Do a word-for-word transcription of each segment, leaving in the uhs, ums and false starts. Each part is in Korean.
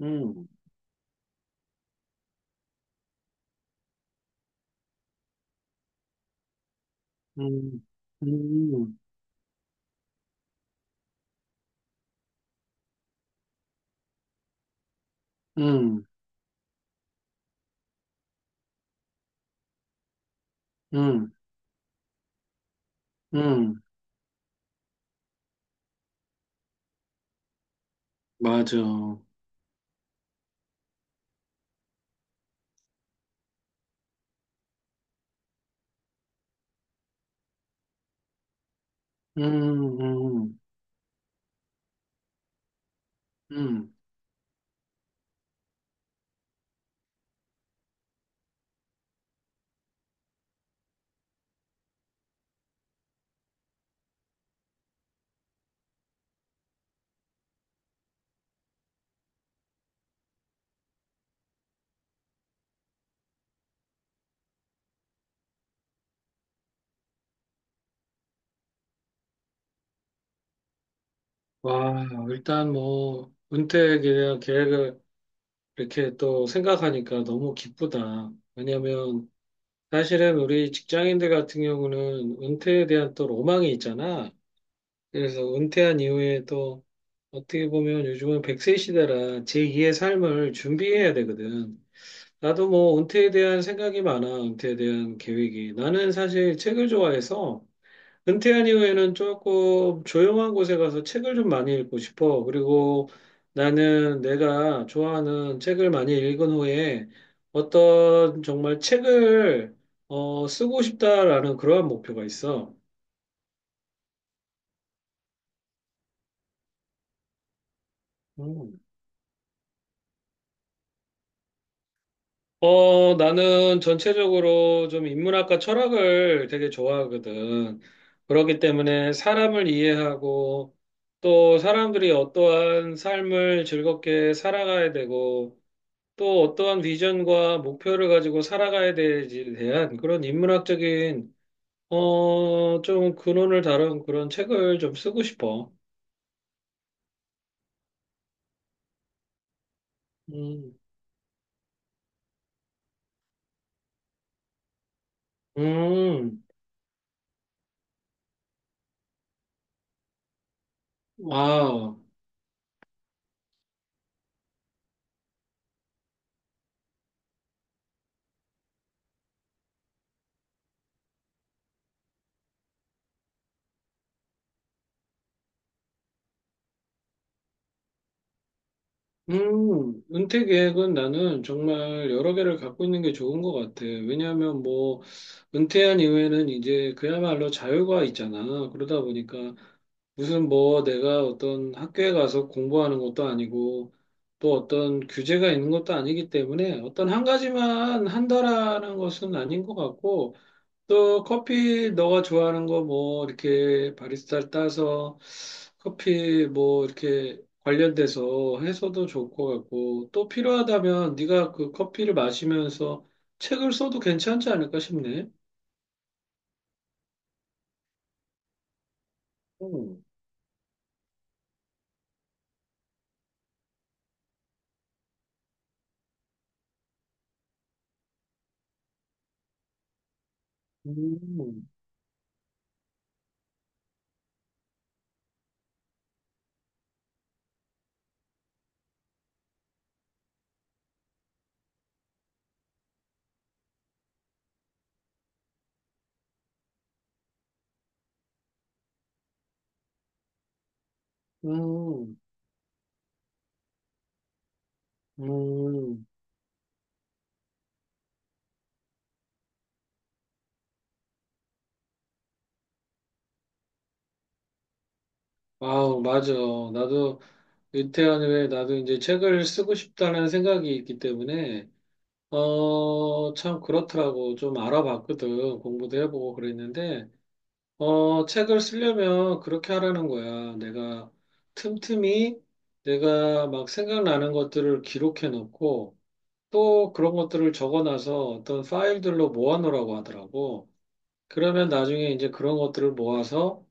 음, 음, 음, 음, 음, 음, 맞아. 음, 음, 음. 와, 일단 뭐, 은퇴 계획, 계획을 이렇게 또 생각하니까 너무 기쁘다. 왜냐면, 사실은 우리 직장인들 같은 경우는 은퇴에 대한 또 로망이 있잖아. 그래서 은퇴한 이후에 또, 어떻게 보면 요즘은 백세 시대라 제이의 삶을 준비해야 되거든. 나도 뭐 은퇴에 대한 생각이 많아. 은퇴에 대한 계획이. 나는 사실 책을 좋아해서 은퇴한 이후에는 조금 조용한 곳에 가서 책을 좀 많이 읽고 싶어. 그리고 나는 내가 좋아하는 책을 많이 읽은 후에 어떤 정말 책을 어, 쓰고 싶다라는 그러한 목표가 있어. 음. 어, 나는 전체적으로 좀 인문학과 철학을 되게 좋아하거든. 그렇기 때문에 사람을 이해하고 또 사람들이 어떠한 삶을 즐겁게 살아가야 되고 또 어떠한 비전과 목표를 가지고 살아가야 되지에 대한 그런 인문학적인 어, 좀 근원을 다룬 그런 책을 좀 쓰고 싶어. 음, 음, 아. 음, 은퇴 계획은 나는 정말 여러 개를 갖고 있는 게 좋은 것 같아. 왜냐하면 뭐, 은퇴한 이후에는 이제 그야말로 자유가 있잖아. 그러다 보니까 무슨 뭐 내가 어떤 학교에 가서 공부하는 것도 아니고 또 어떤 규제가 있는 것도 아니기 때문에 어떤 한 가지만 한다라는 것은 아닌 것 같고 또 커피 너가 좋아하는 거 뭐 이렇게 바리스타를 따서 커피 뭐 이렇게 관련돼서 해서도 좋을 것 같고 또 필요하다면 네가 그 커피를 마시면서 책을 써도 괜찮지 않을까 싶네. 음, 음, 음, 음. 아우, 맞아. 나도 은퇴한 후에 나도 이제 책을 쓰고 싶다는 생각이 있기 때문에 어, 참 그렇더라고. 좀 알아봤거든. 공부도 해보고 그랬는데 어, 책을 쓰려면 그렇게 하라는 거야. 내가 틈틈이 내가 막 생각나는 것들을 기록해 놓고 또 그런 것들을 적어 놔서 어떤 파일들로 모아 놓으라고 하더라고. 그러면 나중에 이제 그런 것들을 모아서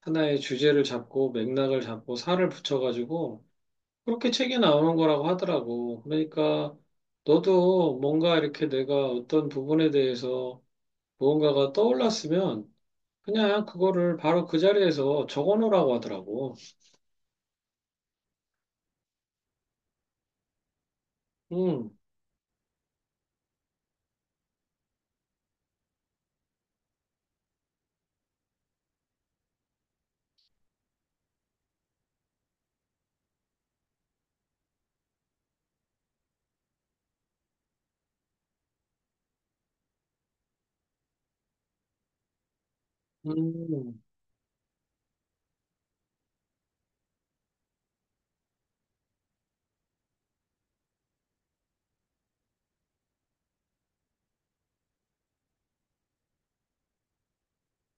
하나의 주제를 잡고 맥락을 잡고 살을 붙여가지고 그렇게 책이 나오는 거라고 하더라고. 그러니까 너도 뭔가 이렇게 내가 어떤 부분에 대해서 무언가가 떠올랐으면 그냥 그거를 바로 그 자리에서 적어 놓으라고 하더라고. 음, 음,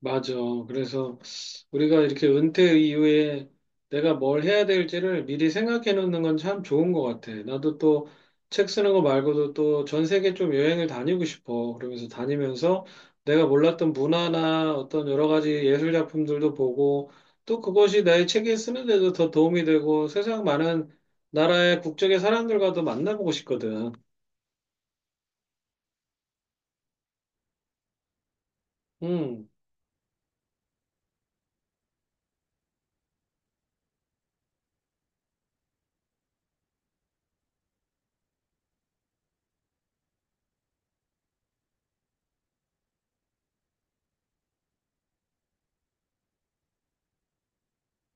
맞아. 그래서 우리가 이렇게 은퇴 이후에 내가 뭘 해야 될지를 미리 생각해 놓는 건 참 좋은 것 같아. 나도 또 책 쓰는 거 말고도 또 전 세계 좀 여행을 다니고 싶어. 그러면서 다니면서 내가 몰랐던 문화나 어떤 여러 가지 예술 작품들도 보고 또 그것이 나의 책에 쓰는데도 더 도움이 되고 세상 많은 나라의 국적의 사람들과도 만나보고 싶거든. 음.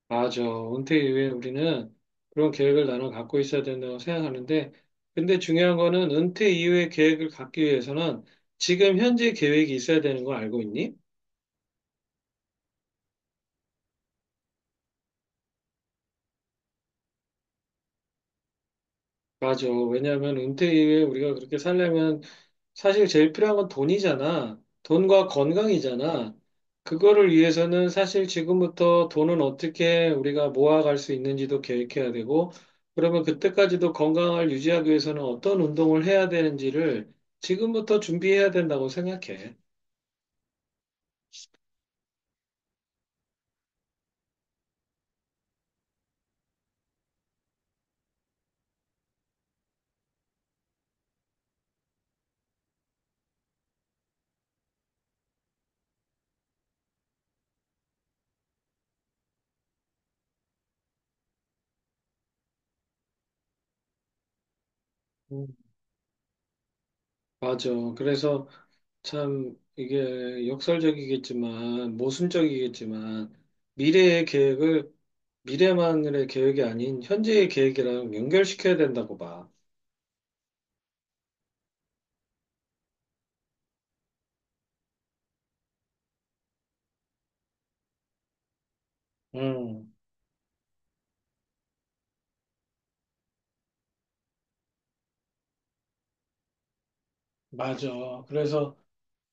맞아. 은퇴 이후에 우리는 그런 계획을 나눠 갖고 있어야 된다고 생각하는데, 근데 중요한 거는 은퇴 이후에 계획을 갖기 위해서는 지금 현재 계획이 있어야 되는 거 알고 있니? 맞아. 왜냐하면 은퇴 이후에 우리가 그렇게 살려면 사실 제일 필요한 건 돈이잖아. 돈과 건강이잖아. 그거를 위해서는 사실 지금부터 돈은 어떻게 우리가 모아갈 수 있는지도 계획해야 되고, 그러면 그때까지도 건강을 유지하기 위해서는 어떤 운동을 해야 되는지를 지금부터 준비해야 된다고 생각해. 음. 맞아. 그래서 참 이게 역설적이겠지만, 모순적이겠지만, 미래의 계획을 미래만의 계획이 아닌 현재의 계획이랑 연결시켜야 된다고 봐. 음. 맞아. 그래서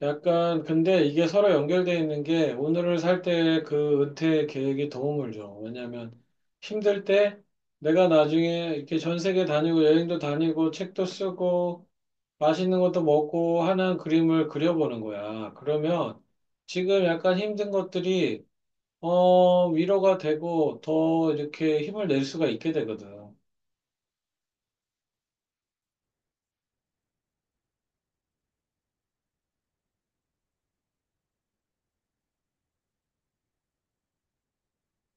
약간 근데 이게 서로 연결돼 있는 게 오늘을 살 때 그 은퇴 계획이 도움을 줘. 왜냐면 힘들 때 내가 나중에 이렇게 전 세계 다니고 여행도 다니고 책도 쓰고 맛있는 것도 먹고 하는 그림을 그려보는 거야. 그러면 지금 약간 힘든 것들이 어, 위로가 되고 더 이렇게 힘을 낼 수가 있게 되거든.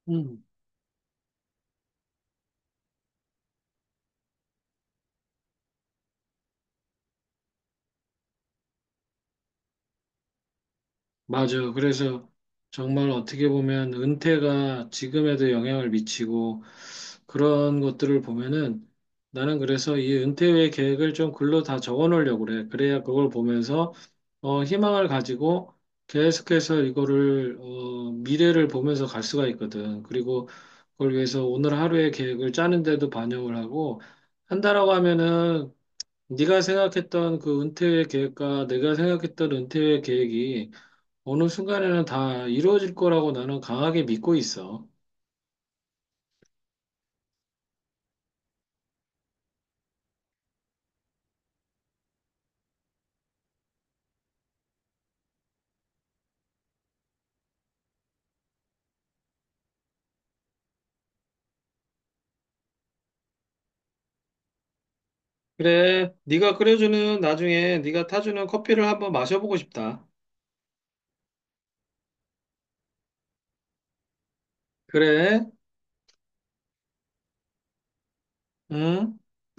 음. 맞아. 그래서 정말 어떻게 보면 은퇴가 지금에도 영향을 미치고 그런 것들을 보면은 나는 그래서 이 은퇴 후의 계획을 좀 글로 다 적어 놓으려고 그래. 그래야 그걸 보면서 어, 희망을 가지고 계속해서 이거를 어, 미래를 보면서 갈 수가 있거든. 그리고 그걸 위해서 오늘 하루의 계획을 짜는데도 반영을 하고 한다라고 하면은 네가 생각했던 그 은퇴 후의 계획과 내가 생각했던 은퇴 후의 계획이 어느 순간에는 다 이루어질 거라고 나는 강하게 믿고 있어. 그래, 네가 끓여주는 나중에 네가 타주는 커피를 한번 마셔보고 싶다. 그래, 응?